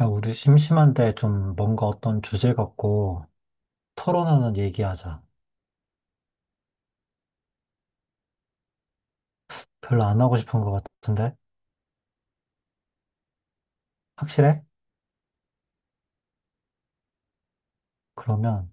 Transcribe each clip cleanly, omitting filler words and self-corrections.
야, 우리 심심한데 좀 뭔가 어떤 주제 갖고 토론하는 얘기하자. 별로 안 하고 싶은 것 같은데? 확실해? 그러면,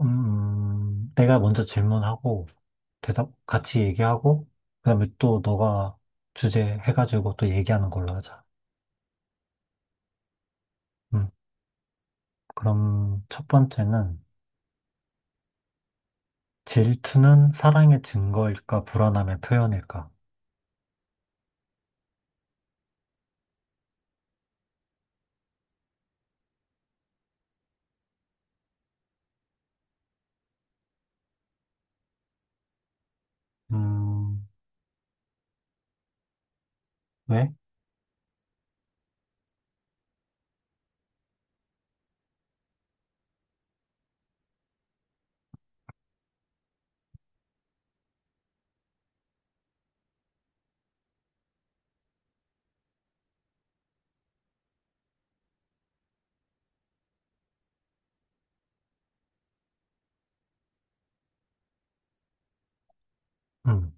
내가 먼저 질문하고, 대답, 같이 얘기하고, 그다음에 또 너가 주제 해가지고 또 얘기하는 걸로 하자. 음, 그럼 첫 번째는, 질투는 사랑의 증거일까, 불안함의 표현일까? 음, 왜? 음,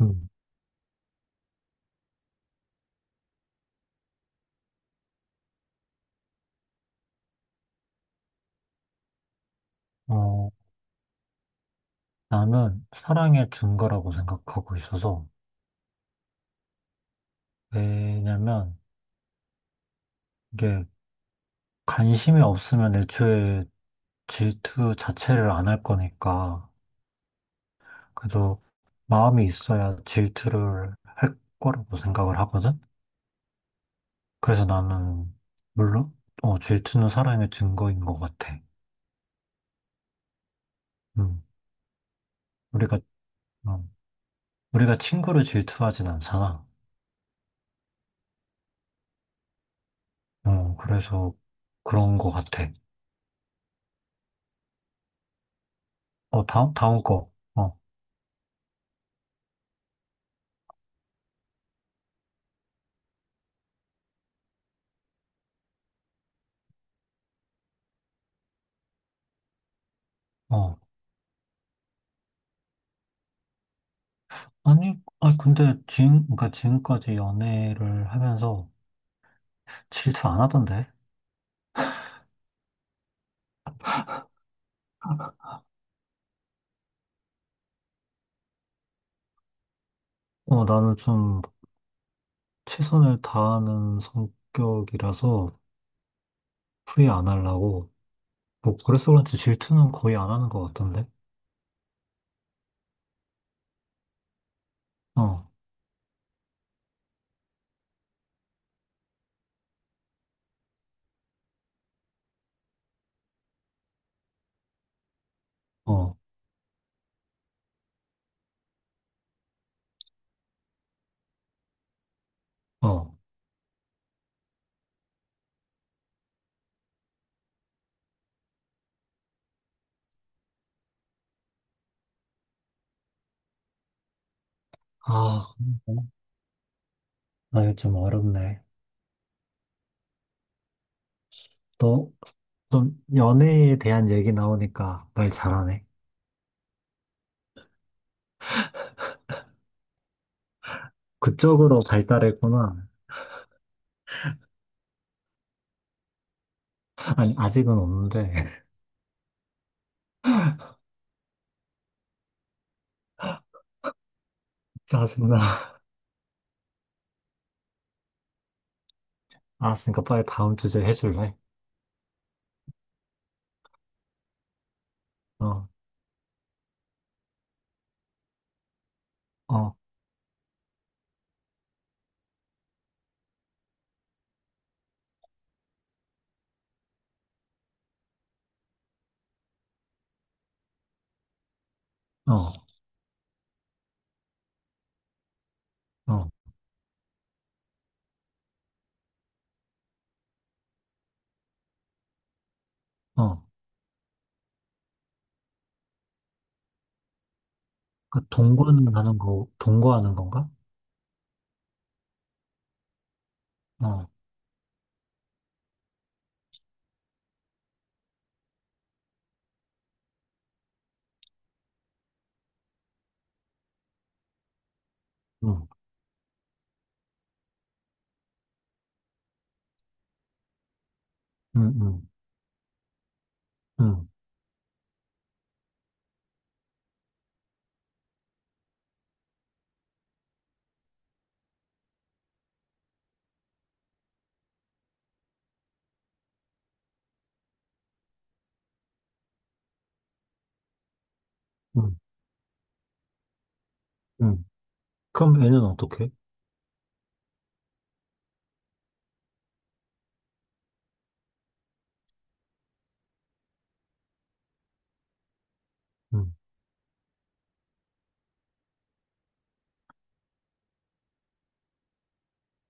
음, 어, 나는 사랑의 증거라고 생각하고 있어서, 왜냐면 이게 관심이 없으면 애초에 질투 자체를 안 할 거니까 그래도 마음이 있어야 질투를 할 거라고 생각을 하거든. 그래서 나는 물론 질투는 사랑의 증거인 것 같아. 음, 우리가 어, 우리가 친구를 질투하진 않잖아. 그래서 그런 것 같아. 다음 다음 거. 어, 어. 아니, 아니 근데 지금 그러니까 지금까지 연애를 하면서 질투 안 하던데. 나는 좀 최선을 다하는 성격이라서 후회 안 하려고. 뭐, 그래서 그런지 질투는 거의 안 하는 것 같던데? 어, 어, 어. 아, 나 이거 좀 어렵네. 너 좀 연애에 대한 얘기 나오니까 말 잘하네. 그쪽으로 발달했구나. 아니, 아직은 없는데. 짜증나. 알았으니까 빨리 다음 주제 해줄래? 어, 어, 어, 어, 어. 그 동거는 하는 거, 동거하는 건가? 어. 응. 음, 음, 음, 음, 음. 그럼 애는 어떻게? 음.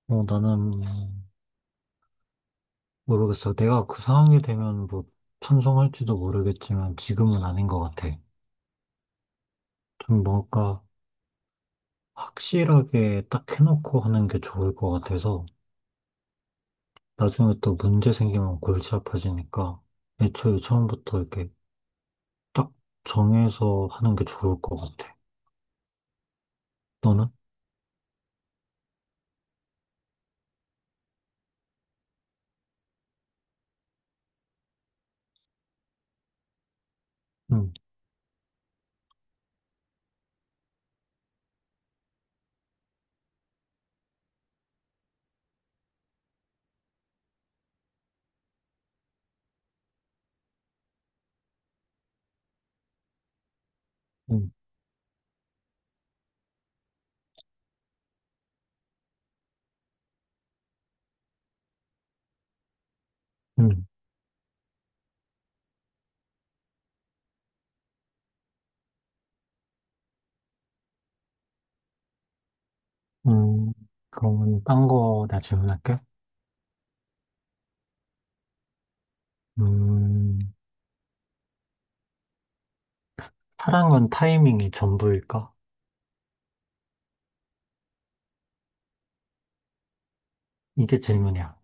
나는 모르겠어. 내가 그 상황이 되면 뭐 찬성할지도 모르겠지만 지금은 아닌 것 같아. 좀 뭔가 확실하게 딱 해놓고 하는 게 좋을 것 같아서 나중에 또 문제 생기면 골치 아파지니까 애초에 처음부터 이렇게 딱 정해서 하는 게 좋을 것 같아. 너는? 응, 응, 응, 응. 그러면 딴 거 나 질문할게. 음. 사랑은 타이밍이 전부일까? 이게 질문이야.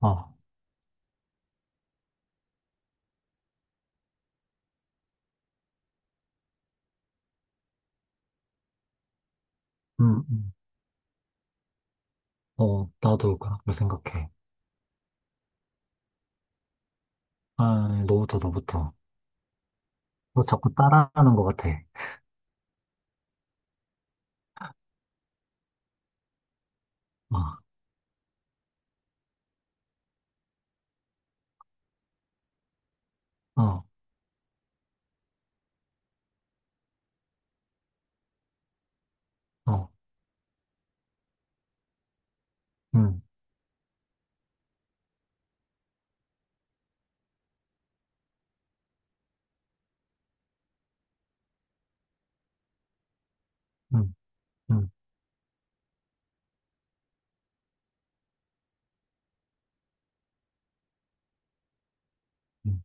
어, 음, 음. 어, 나도 그렇게 생각해. 아, 너부터, 너부터. 너 자꾸 따라하는 것 같아. 어, 어, 어, 음, 음, 음, 음.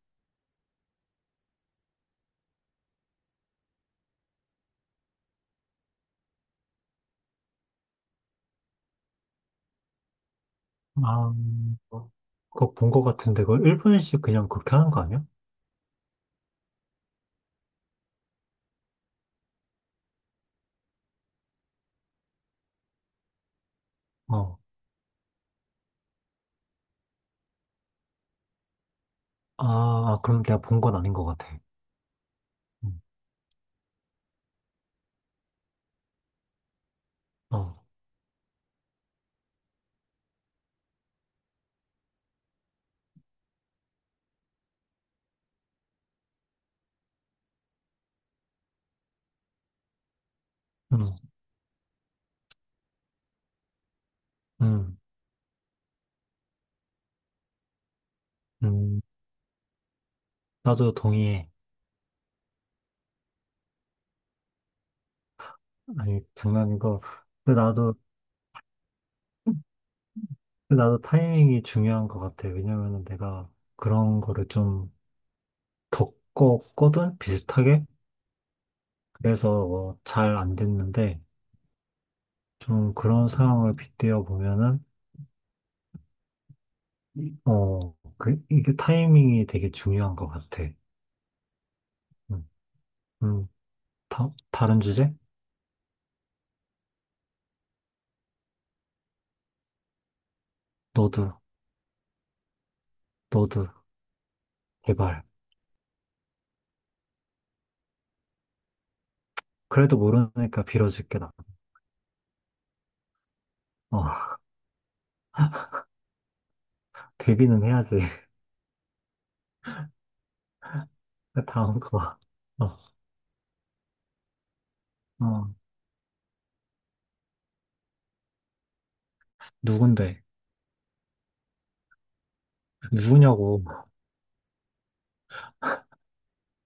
아, 그거 본 것 같은데, 그걸 1분씩 그냥 그렇게 하는 거 아니야? 어, 아, 아, 그럼 내가 본 건 아닌 것 같아. 음, 어, 음, 음, 음. 나도 동의해. 아니, 장난이고. 근데 나도 타이밍이 중요한 것 같아. 왜냐면은 내가 그런 거를 좀 겪었거든? 비슷하게? 그래서 잘안 됐는데, 좀 그런 상황을 빗대어 보면은, 이게 타이밍이 되게 중요한 것 같아. 음, 음, 다른 주제? 너도, 너도, 제발. 그래도 모르니까 빌어줄게, 나. 어, 데뷔는 해야지. 다음 거. 어, 어, 누군데? 누구냐고.